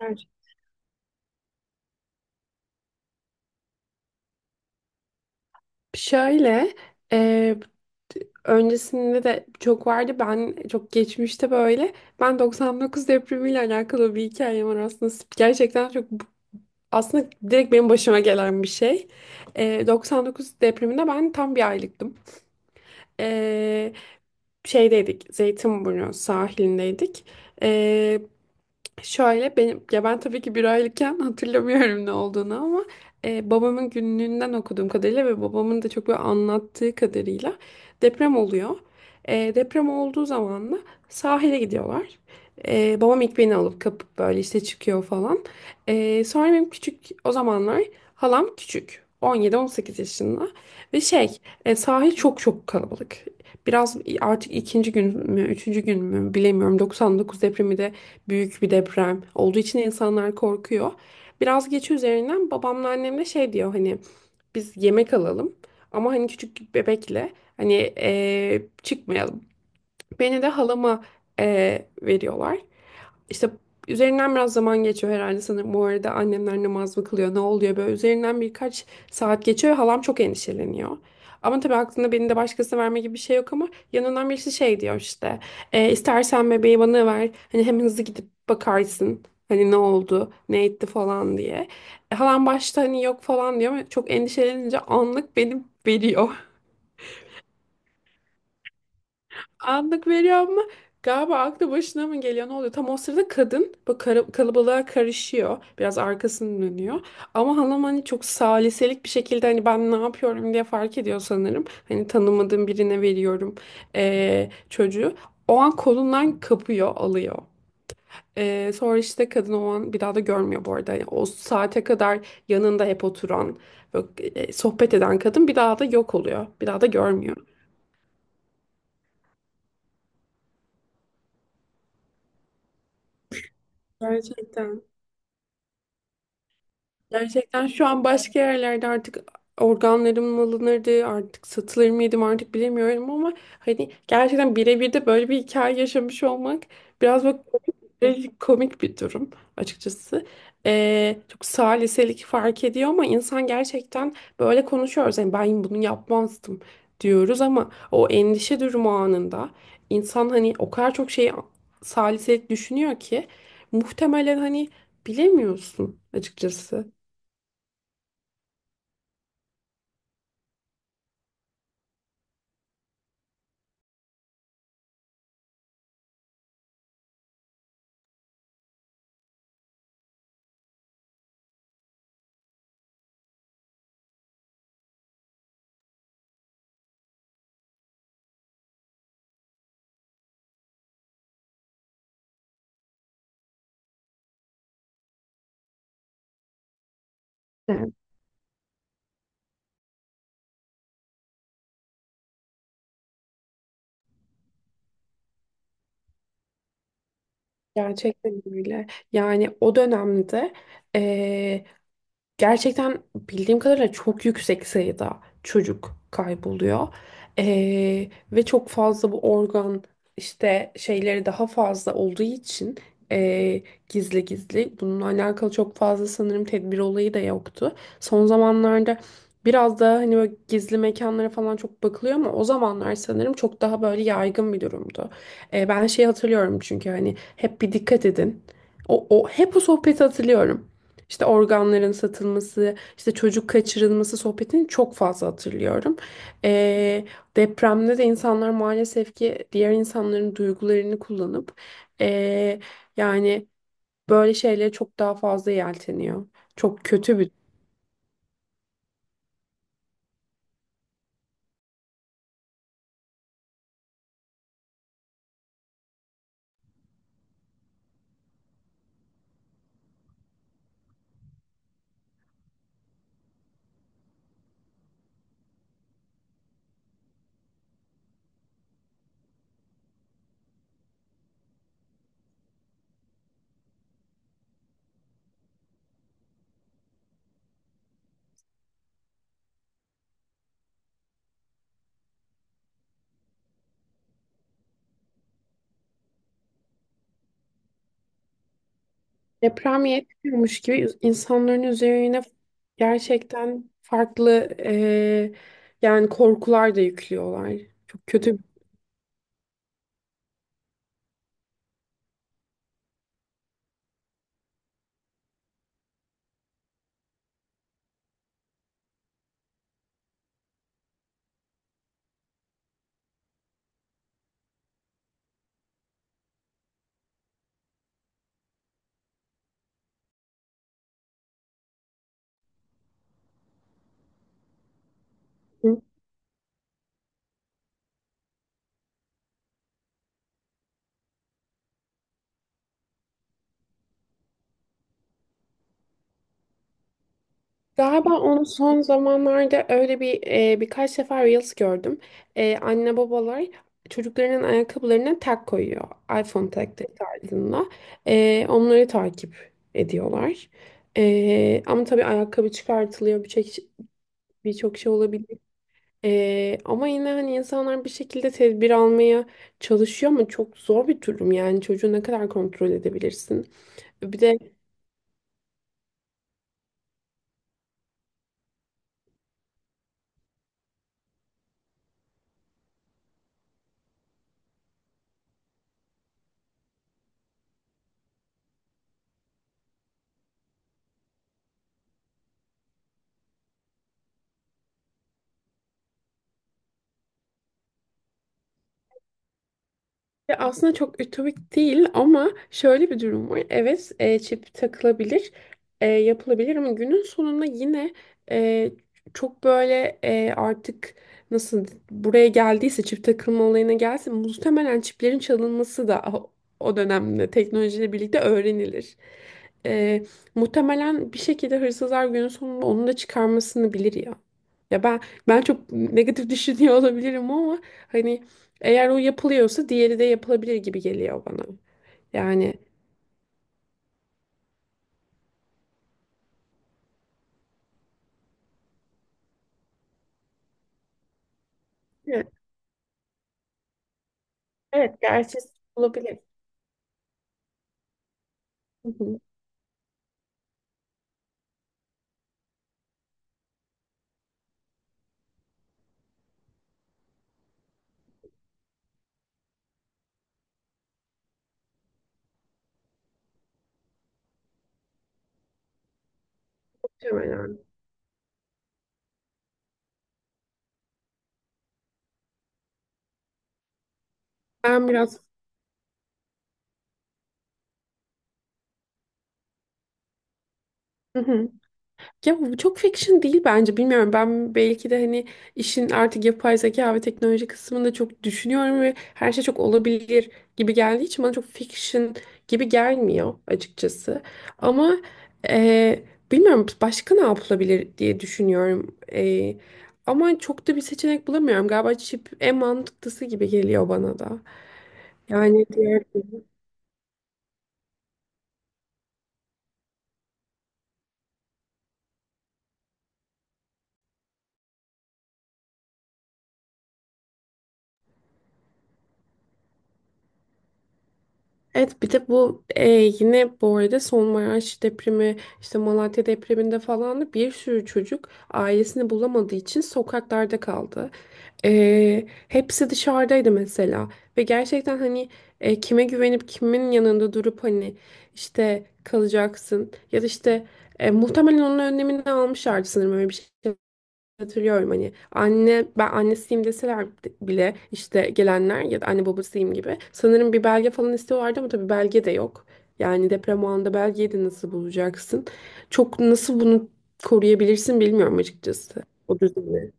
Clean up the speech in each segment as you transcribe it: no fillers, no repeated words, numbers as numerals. Evet. Şöyle, e, öncesinde de çok vardı. Ben çok geçmişte böyle. Ben 99 depremiyle alakalı bir hikayem var aslında. Gerçekten çok aslında direkt benim başıma gelen bir şey. 99 depreminde ben tam bir aylıktım. E, Şeydeydik, Zeytinburnu sahilindeydik. Şöyle benim ya ben tabii ki bir aylıkken hatırlamıyorum ne olduğunu ama babamın günlüğünden okuduğum kadarıyla ve babamın da çok böyle anlattığı kadarıyla deprem oluyor. Deprem olduğu zaman da sahile gidiyorlar. Babam ilk beni alıp kapıp böyle işte çıkıyor falan. Sonra benim küçük o zamanlar halam küçük 17-18 yaşında ve sahil çok çok kalabalık. Biraz artık ikinci gün mü, üçüncü gün mü bilemiyorum. 99 depremi de büyük bir deprem olduğu için insanlar korkuyor. Biraz geç üzerinden babamla annem de şey diyor, hani biz yemek alalım ama hani küçük bir bebekle hani çıkmayalım. Beni de halama veriyorlar. İşte üzerinden biraz zaman geçiyor herhalde sanırım. Bu arada annemler namaz mı kılıyor, ne oluyor böyle. Üzerinden birkaç saat geçiyor, halam çok endişeleniyor. Ama tabii aklında beni de başkasına verme gibi bir şey yok, ama yanından birisi şey diyor işte. " istersen bebeği bana ver. Hani hem hızlı gidip bakarsın. Hani ne oldu, ne etti falan diye. Halam başta hani yok falan diyor ama çok endişelenince anlık beni veriyor. Anlık veriyor ama galiba aklı başına mı geliyor, ne oluyor? Tam o sırada kadın bu kalabalığa karışıyor. Biraz arkasını dönüyor. Ama hanım hani çok saliselik bir şekilde hani ben ne yapıyorum diye fark ediyor sanırım. Hani tanımadığım birine veriyorum çocuğu. O an kolundan kapıyor alıyor. Sonra işte kadın o an bir daha da görmüyor bu arada. Yani o saate kadar yanında hep oturan, böyle, sohbet eden kadın bir daha da yok oluyor. Bir daha da görmüyor. Gerçekten. Gerçekten şu an başka yerlerde artık organlarım mı alınırdı, artık satılır mıydım artık bilemiyorum ama hani gerçekten birebir de böyle bir hikaye yaşamış olmak biraz bak komik komik bir durum açıkçası. Çok saliselik fark ediyor ama insan gerçekten böyle konuşuyoruz. Yani ben bunu yapmazdım diyoruz ama o endişe durumu anında insan hani o kadar çok şey saliselik düşünüyor ki muhtemelen hani bilemiyorsun açıkçası. Evet. Gerçekten öyle. Yani o dönemde eee, gerçekten bildiğim kadarıyla çok yüksek sayıda çocuk kayboluyor. Ve çok fazla bu organ işte şeyleri daha fazla olduğu için ee, gizli gizli bununla alakalı çok fazla sanırım tedbir olayı da yoktu. Son zamanlarda biraz daha hani böyle gizli mekanlara falan çok bakılıyor ama o zamanlar sanırım çok daha böyle yaygın bir durumdu. Ben şeyi hatırlıyorum çünkü hani hep bir dikkat edin. O hep o sohbeti hatırlıyorum. İşte organların satılması, işte çocuk kaçırılması sohbetini çok fazla hatırlıyorum. Ee, Depremde de insanlar maalesef ki diğer insanların duygularını kullanıp ee, yani böyle şeylere çok daha fazla yelteniyor. Çok kötü bir deprem yetmiyormuş gibi insanların üzerine gerçekten farklı yani korkular da yüklüyorlar. Çok kötü. Galiba onu son zamanlarda öyle bir birkaç defa Reels gördüm. Anne babalar çocuklarının ayakkabılarına tag koyuyor. iPhone tagleri tarzında. Onları takip ediyorlar. Ama tabii ayakkabı çıkartılıyor. Birçok şey olabilir. Ama yine hani insanlar bir şekilde tedbir almaya çalışıyor ama çok zor bir durum. Yani çocuğu ne kadar kontrol edebilirsin? Bir de Ya aslında çok ütopik değil ama şöyle bir durum var. Evet, çip takılabilir, yapılabilir ama günün sonunda yine e, çok böyle artık nasıl buraya geldiyse çip takılma olayına gelse muhtemelen çiplerin çalınması da o dönemde teknolojiyle birlikte öğrenilir. E, Muhtemelen bir şekilde hırsızlar günün sonunda onu da çıkarmasını bilir ya. Ya ben çok negatif düşünüyor olabilirim ama hani eğer o yapılıyorsa diğeri de yapılabilir gibi geliyor bana. Yani evet, evet gerçi olabilir. Hı hı. Muhtemelen. Ben biraz Hı hı. Ya bu çok fiction değil bence bilmiyorum. Ben belki de hani işin artık yapay zeka ve teknoloji kısmında çok düşünüyorum ve her şey çok olabilir gibi geldiği için bana çok fiction gibi gelmiyor açıkçası. Ama e, bilmiyorum başka ne yapılabilir diye düşünüyorum. Ama çok da bir seçenek bulamıyorum. Galiba chip en mantıklısı gibi geliyor bana da. Yani diğer Evet, bir de bu yine bu arada Maraş depremi işte Malatya depreminde falan da bir sürü çocuk ailesini bulamadığı için sokaklarda kaldı. Hepsi dışarıdaydı mesela ve gerçekten hani kime güvenip kimin yanında durup hani işte kalacaksın, ya da işte muhtemelen onun önlemini de almışlardı sanırım öyle bir şey. Hatırlıyorum hani anne ben annesiyim deseler bile işte gelenler ya da anne babasıyım gibi sanırım bir belge falan istiyorlardı ama tabii belge de yok. Yani deprem o anda belgeyi de nasıl bulacaksın? Çok nasıl bunu koruyabilirsin bilmiyorum açıkçası. O düzeni.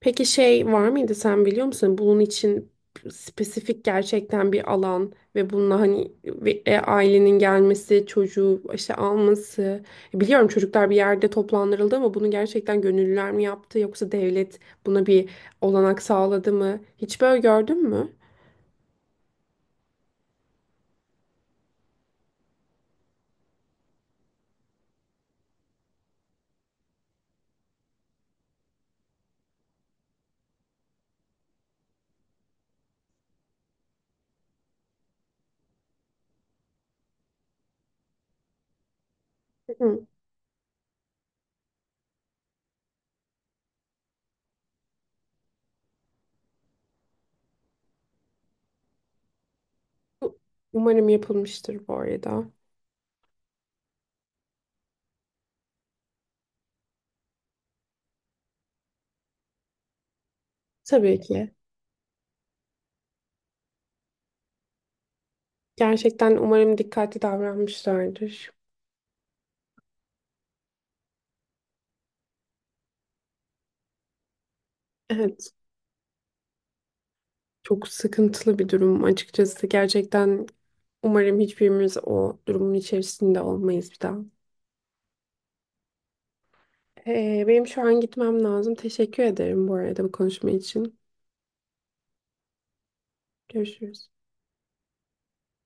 Peki şey var mıydı sen biliyor musun? Bunun için spesifik gerçekten bir alan ve bununla hani ailenin gelmesi, çocuğu işte alması. Biliyorum çocuklar bir yerde toplandırıldı ama bunu gerçekten gönüllüler mi yaptı yoksa devlet buna bir olanak sağladı mı? Hiç böyle gördün mü? Hı. Umarım yapılmıştır bu arada. Tabii ki. Gerçekten umarım dikkatli davranmışlardır. Evet. Çok sıkıntılı bir durum açıkçası. Gerçekten umarım hiçbirimiz o durumun içerisinde olmayız bir daha. Benim şu an gitmem lazım. Teşekkür ederim bu arada bu konuşma için. Görüşürüz.